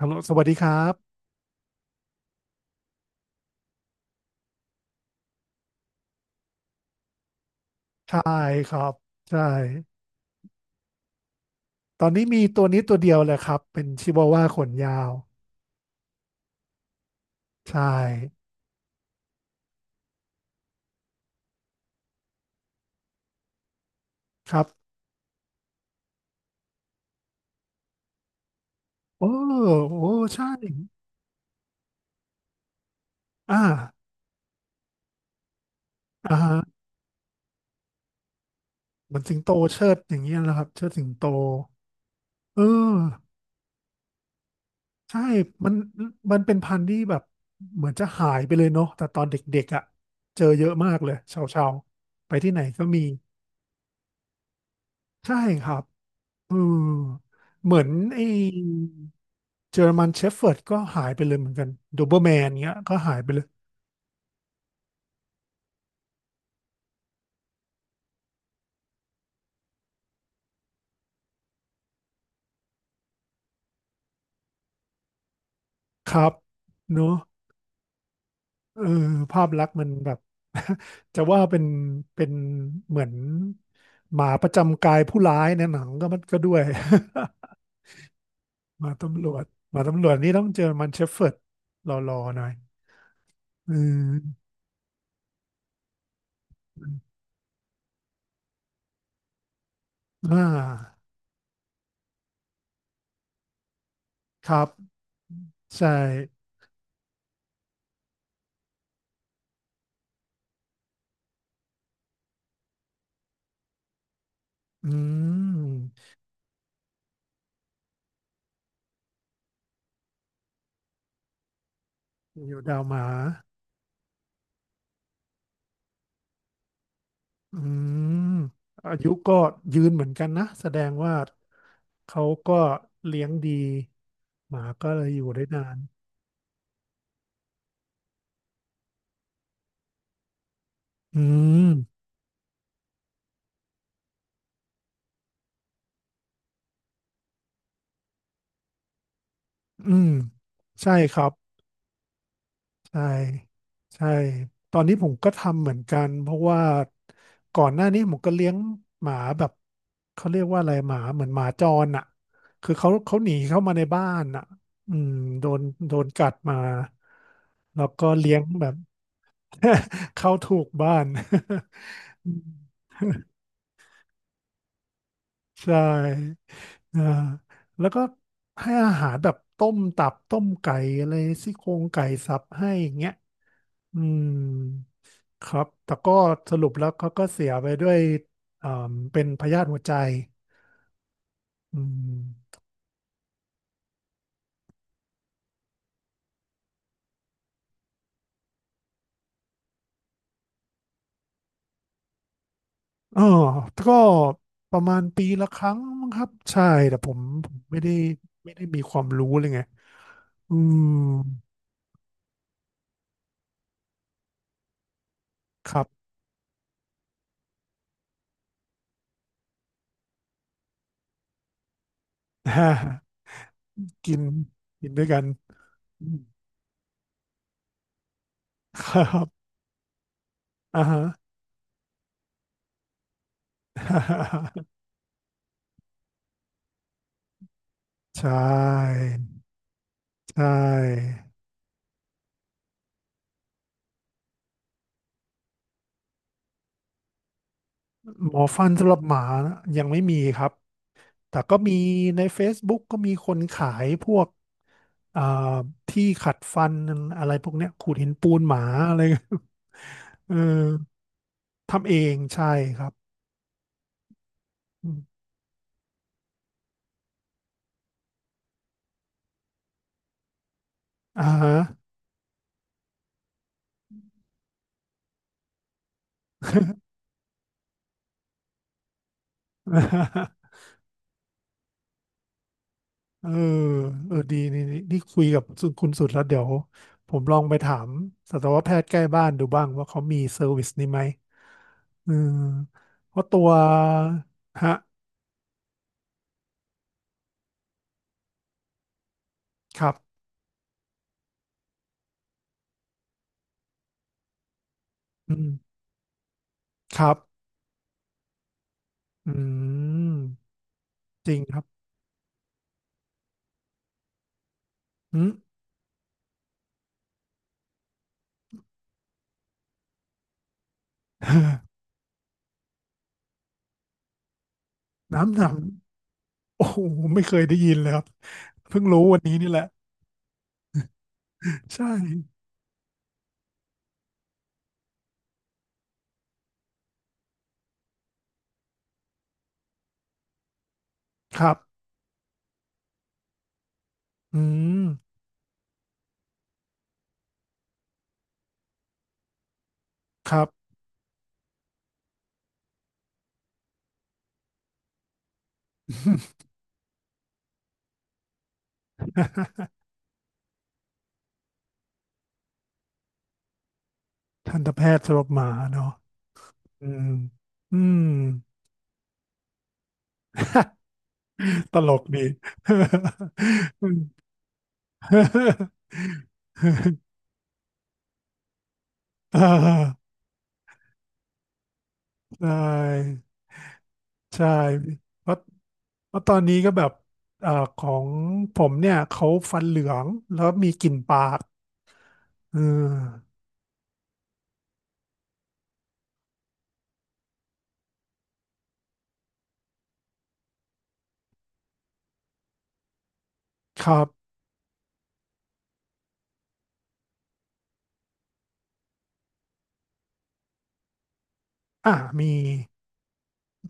ฮัลโหลสวัสดีครับ ใช่ครับใช่ตอนนี้มีตัวนี้ตัวเดียวเลยครับ เป็นชิวาว่าขนยาว ใช่ครับโอ้โอ้ใช่อ่าอ่าฮะเหมือนสิงโตเชิดอย่างเงี้ยนะครับเชิดสิงโตเออใช่มันมันเป็นพันธุ์ที่แบบ เหมือนจะหายไปเลยเนาะแต่ตอนเด็กๆอ่ะ เจอเยอะมากเลยชาวชาวไปที่ไหนก็มี ใช่ครับอืมเหมือนไอ้ เจอร์มันเชฟเฟิร์ดก็หายไปเลยเหมือนกันโดเบอร์แมนเงี้ยก็หายไปเลยครับเนอะเออภาพลักษณ์มันแบบ จะว่าเป็นเป็นเหมือนหมาประจำกายผู้ร้ายในหนังก็มันก็ด้วย หมาตำรวจหมาตำรวจนี่ต้องเจอมันเชฟเฟิร์ดรอๆหน่อยอืมอ่าครับใช่อืมอยู่ดาวหมา อืมอายุก็ยืนเหมือนกันนะแสดงว่าเขาก็เลี้ยงดีหมาก็เลยอยู่ได้นานอืมอืมใช่ครับใช่ใช่ตอนนี้ผมก็ทำเหมือนกันเพราะว่าก่อนหน้านี้ผมก็เลี้ยงหมาแบบเขาเรียกว่าอะไรหมาเหมือนหมาจรอ่ะคือเขาหนีเข้ามาในบ้านอ่ะอืมโดนโดนกัดมาแล้วก็เลี้ยงแบบ เข้าถูกบ้าน อืมใช่อ่าแล้วก็ให้อาหารแบบต้มตับต้มไก่อะไรซี่โครงไก่สับให้อย่างเงี้ยอืมครับแต่ก็สรุปแล้วเขาก็เสียไปด้วยอ่าเป็นพยาธิหัวใจอืมอ๋อก็ประมาณปีละครั้งมั้งครับใช่แต่ผมไม่ได้มีความรู้เลยไงอืมครับ กินกินด้วยกันอืมครับอ่าฮะ ใช่ใช่หมอฟันสำหรับหมานะยังไม่มีครับแต่ก็มีใน Facebook ก็มีคนขายพวกอ่าที่ขัดฟันอะไรพวกเนี้ยขูดหินปูนหมาอะไร เออทำเองใช่ครับอมอ่าฮะ เออเออ ดีนี่นี่นี่คุยกับคุณสุดแล้วเดี๋ยวผมลองไปถามสัตวแพทย์ใกล้บ้านดูบ้างว่าเขามีเซอร์วิสนี้ไหม เออเพราะตัวฮะ ครับ อืม ครับ อืม จริงครับ อืม น้ำหนำโอ้โห ไม่เคยได้ยินเลยครับ เพิ่งรู้วันนี้นี่แหละ ใช่ ครับ อืม ครับ ทันตแพทย์สำหรับหมาเนาะอืม อืม ตลกดี อ่าใช่ใช่เพราะเพราะตอนนี้ก็แบบอ่าของผมเนี่ยเขาฟันเหลืองแล้วมีกลิ่นปากเออครับอ่ามี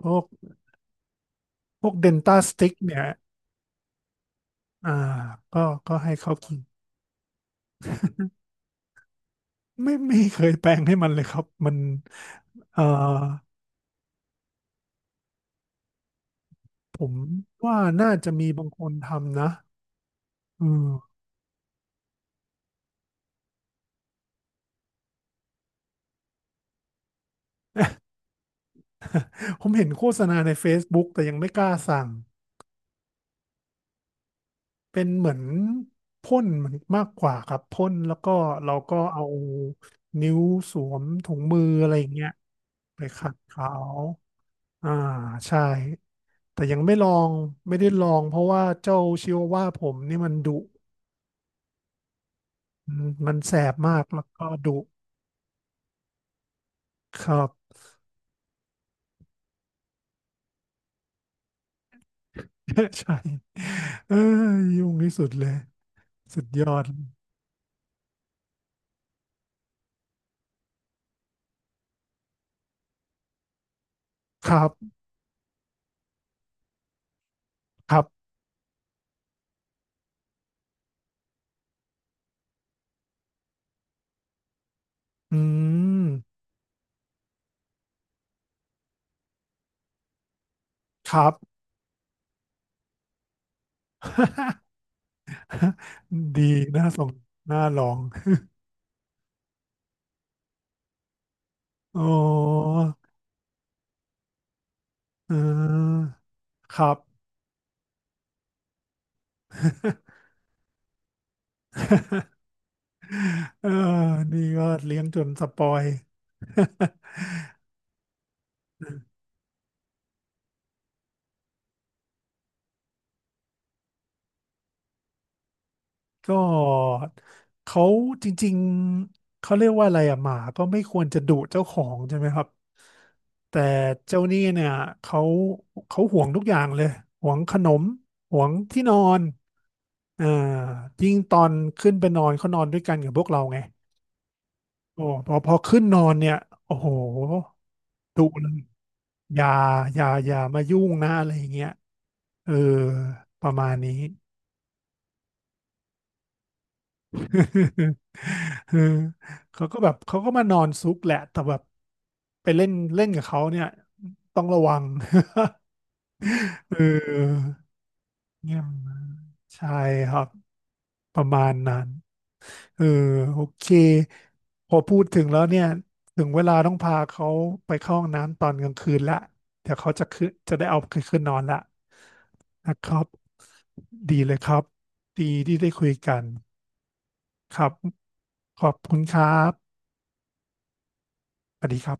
พวกพวกเดนต้าสติ๊กเนี่ยอ่าก็ก็ให้เขากินไม่เคยแปลงให้มันเลยครับ มันเอ่อผมว่าน่าจะมีบางคนทำนะอืม ผมเห็นโฆษณาใน Facebook แต่ยังไม่กล้าสั่งเป็นเหมือนพ่นเหมือนมากกว่าครับพ่นแล้วก็เราก็เอานิ้วสวมถุงมืออะไรอย่างเงี้ยไปขัดเขาอ่าใช่แต่ยังไม่ลองไม่ได้ลองเพราะว่าเจ้าชิวาว่าผมนี่มันดุอืมมันแสบมากแล้วก็ดุครับ ใช่เอ้ยยุ่งที่สุดเลยสุดยอดครับครับอืมครับ ดีน่าสงน่าลอง อ๋อเออครับ เออนี่ก็เลี้ยงจนสปอย ก็เขาจริงๆเขาเรียกว่าอะไรอะหมาก็ไม่ควรจะดุเจ้าของใช่ไหมครับแต่เจ้านี่เนี่ยเขาเขาห่วงทุกอย่างเลยห่วงขนมห่วงที่นอนอ่ายิ่งตอนขึ้นไปนอนเขานอนด้วยกันกับพวกเราไง โอ้พอขึ้นนอนเนี่ยโอ้โหดุเลยอย่าอย่าอย่ามายุ่งนะอะไรอย่างเงี้ยเออประมาณนี้ เออเขาก็แบบเขาก็มานอนซุกแหละแต่แบบไปเล่นเล่นกับเขาเนี่ยต้องระวัง เออเงี้ยมากใช่ครับประมาณนั้น เออโอเคพอพูดถึงแล้วเนี่ยถึงเวลาต้องพาเขาไปเข้าห้องน้ำตอนกลางคืนละเดี๋ยวเขาจะขึ้นจะได้เอาขึ้นนอนละนะครับดีเลยครับดีที่ได้คุยกันครับขอบคุณครับสวัสดีครับ